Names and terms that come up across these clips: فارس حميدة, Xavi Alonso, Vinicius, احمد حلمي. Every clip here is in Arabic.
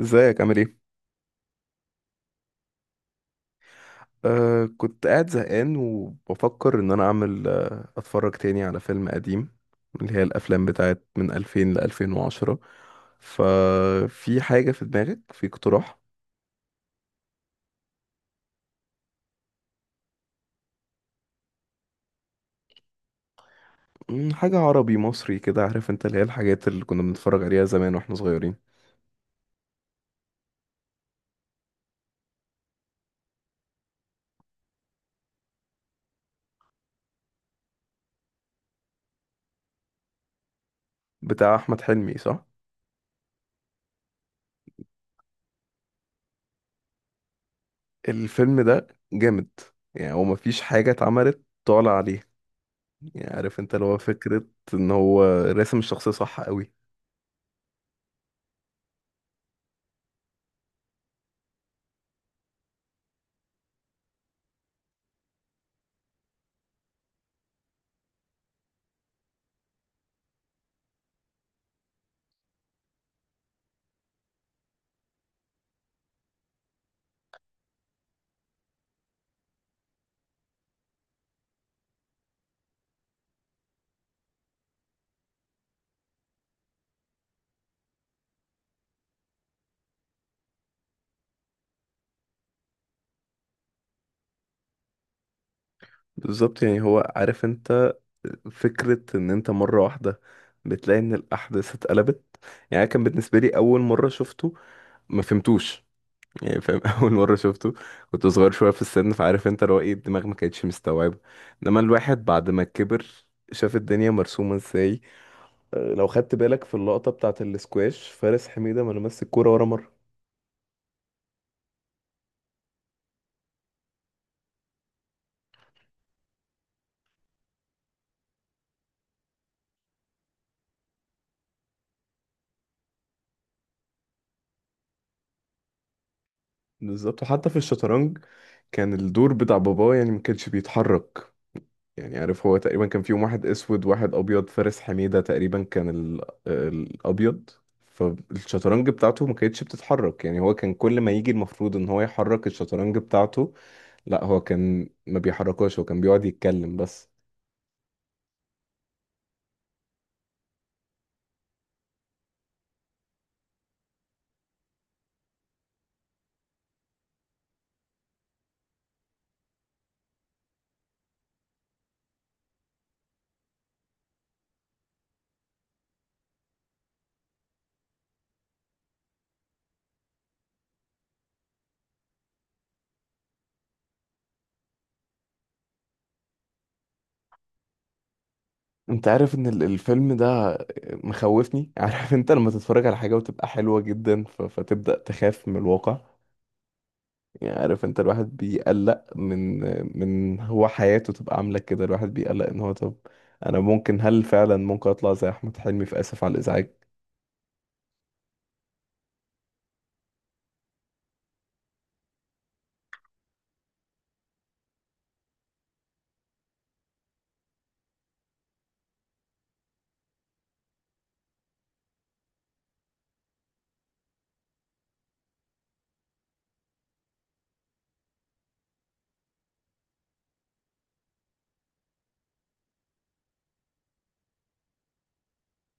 ازيك عامل ايه؟ كنت قاعد زهقان وبفكر ان انا اعمل اتفرج تاني على فيلم قديم، اللي هي الافلام بتاعت من 2000 ل 2010. ففي حاجة في دماغك، في اقتراح؟ حاجة عربي مصري كده. عارف انت اللي هي الحاجات اللي كنا بنتفرج عليها زمان واحنا صغيرين. بتاع احمد حلمي صح؟ الفيلم ده جامد. يعني هو مفيش حاجة اتعملت طالع عليه. يعني عارف انت اللي هو فكرة ان هو راسم الشخصية صح قوي. بالظبط، يعني هو عارف انت فكرة ان انت مرة واحدة بتلاقي ان الاحداث اتقلبت. يعني كان بالنسبة لي اول مرة شفته ما فهمتوش. يعني فاهم اول مرة شفته كنت صغير شوية في السن، فعارف انت اللي هو ايه، الدماغ ما كانتش مستوعبة. انما الواحد بعد ما كبر شاف الدنيا مرسومة ازاي. لو خدت بالك في اللقطة بتاعة الاسكواش، فارس حميدة ما لمس الكورة ولا مرة. بالظبط، وحتى في الشطرنج كان الدور بتاع باباه يعني ما كانش بيتحرك. يعني عارف، هو تقريبا كان فيهم واحد اسود واحد ابيض، فارس حميدة تقريبا كان ال... الابيض. فالشطرنج بتاعته ما كانتش بتتحرك، يعني هو كان كل ما يجي المفروض ان هو يحرك الشطرنج بتاعته، لا هو كان ما بيحركهاش، هو كان بيقعد يتكلم بس. انت عارف ان الفيلم ده مخوفني عارف انت لما تتفرج على حاجة وتبقى حلوة جدا ف... فتبدأ تخاف من الواقع. يعني عارف انت الواحد بيقلق من من هو حياته تبقى عاملة كده، الواحد بيقلق ان هو طب انا ممكن، هل فعلا ممكن اطلع زي احمد حلمي في اسف على الازعاج؟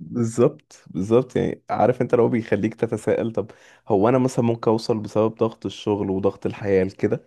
بالظبط بالظبط، يعني عارف انت لو بيخليك تتساءل طب هو انا مثلا ممكن اوصل بسبب ضغط الشغل وضغط الحياة لكده.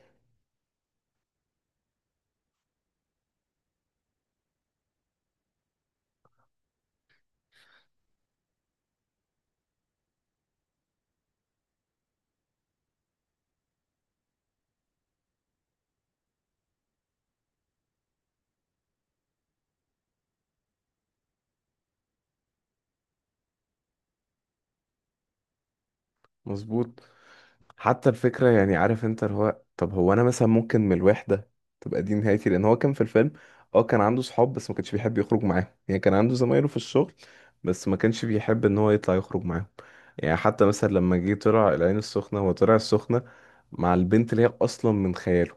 مظبوط. حتى الفكرة، يعني عارف انت اللي هو طب هو انا مثلا ممكن من الوحدة تبقى دي نهايتي، لان هو كان في الفيلم اه كان عنده صحاب بس ما كانش بيحب يخرج معاهم. يعني كان عنده زمايله في الشغل بس ما كانش بيحب ان هو يطلع يخرج معاهم. يعني حتى مثلا لما جه طلع العين السخنة، هو طلع السخنة مع البنت اللي هي اصلا من خياله.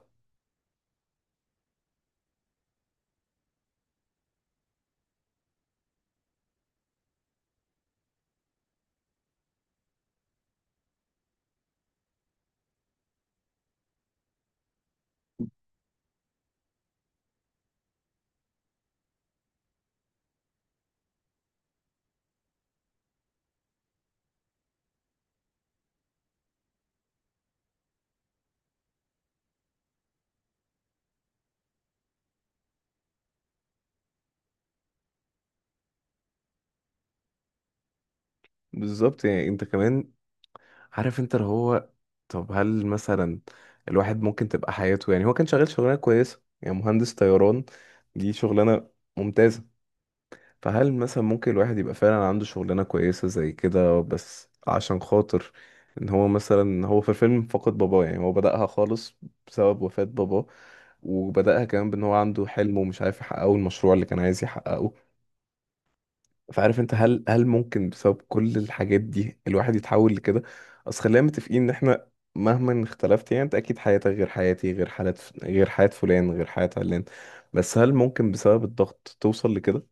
بالظبط، يعني انت كمان عارف انت اللي هو طب هل مثلا الواحد ممكن تبقى حياته، يعني هو كان شغال شغلانة كويسة، يعني مهندس طيران، دي شغلانة ممتازة. فهل مثلا ممكن الواحد يبقى فعلا عنده شغلانة كويسة زي كده، بس عشان خاطر ان هو مثلا، هو في الفيلم فقد باباه يعني هو بدأها خالص بسبب وفاة باباه، وبدأها كمان بان هو عنده حلم ومش عارف يحققه، المشروع اللي كان عايز يحققه. فعارف انت، هل هل ممكن بسبب كل الحاجات دي الواحد يتحول لكده؟ اصل خلينا متفقين ان احنا مهما اختلفت، يعني انت اكيد حياتك غير حياتي غير حالات غير حياة فلان غير حياة علان، بس هل ممكن بسبب الضغط توصل لكده؟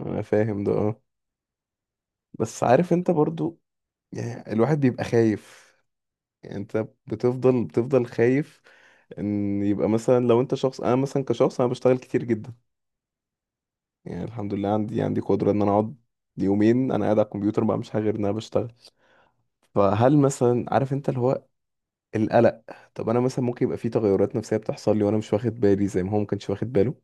انا فاهم ده اه، بس عارف انت برضو يعني الواحد بيبقى خايف. يعني انت بتفضل خايف ان يبقى مثلا لو انت شخص، انا مثلا كشخص انا بشتغل كتير جدا. يعني الحمد لله عندي قدرة ان انا اقعد يومين انا قاعد على الكمبيوتر ما بعملش حاجه غير ان انا بشتغل. فهل مثلا عارف انت اللي هو القلق، طب انا مثلا ممكن يبقى في تغيرات نفسيه بتحصل لي وانا مش واخد بالي زي ما هو ما كانش واخد باله؟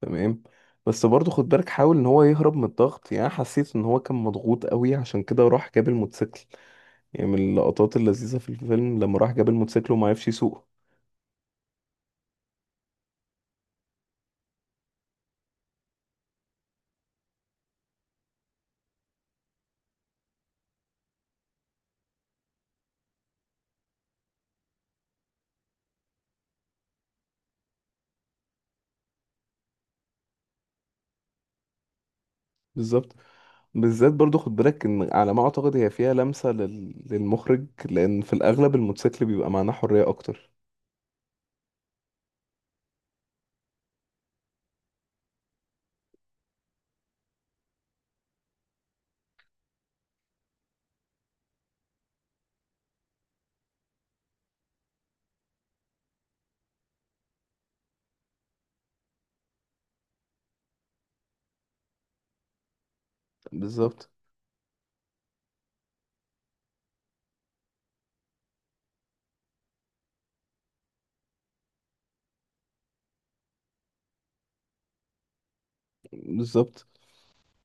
تمام. بس برضه خد بالك، حاول ان هو يهرب من الضغط، يعني أنا حسيت ان هو كان مضغوط قوي عشان كده راح جاب الموتوسيكل. يعني من اللقطات اللذيذة في الفيلم لما راح جاب الموتوسيكل وما عرفش يسوقه. بالظبط. بالذات برضو خد بالك ان على ما اعتقد هي فيها لمسة لل... للمخرج، لان في الاغلب الموتوسيكل بيبقى معناه حرية اكتر. بالظبط بالظبط.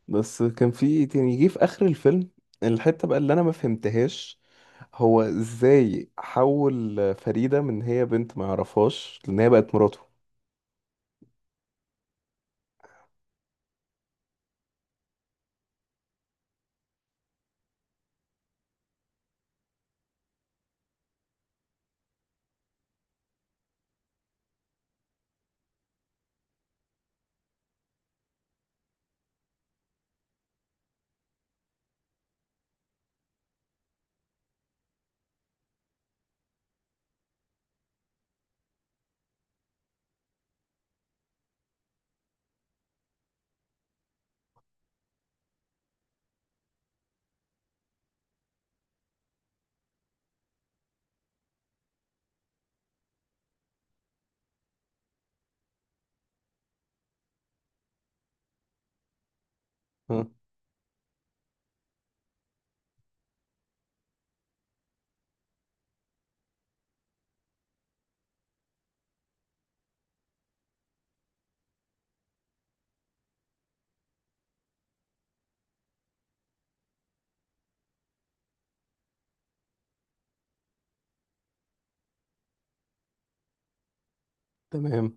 بس كان في، يعني جه في اخر الفيلم الحتة بقى اللي انا ما فهمتهاش، هو ازاي حول فريدة من هي بنت ما يعرفهاش لان هي بقت مراته؟ ها. تمام،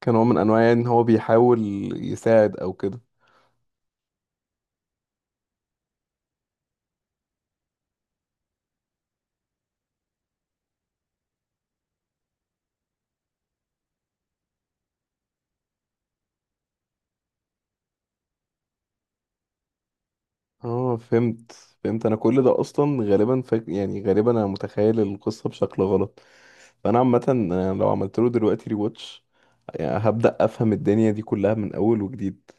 كان هو من انواع يعني ان هو بيحاول يساعد او كده. اه فهمت، فهمت. انا كل ده اصلا غالبا يعني غالبا انا متخيل القصه بشكل غلط. فانا عامه أنا لو عملت له دلوقتي ريواتش يعني هبدا افهم الدنيا دي كلها من اول وجديد.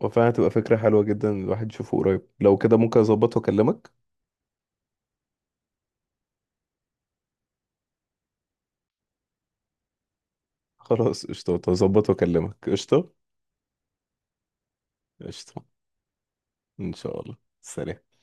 وفعلا هتبقى فكره حلوه جدا الواحد يشوفه قريب، لو كده ممكن اظبط واكلمك. خلاص قشطه، اظبط واكلمك، قشطه، قشطه. ان شاء الله. سلام.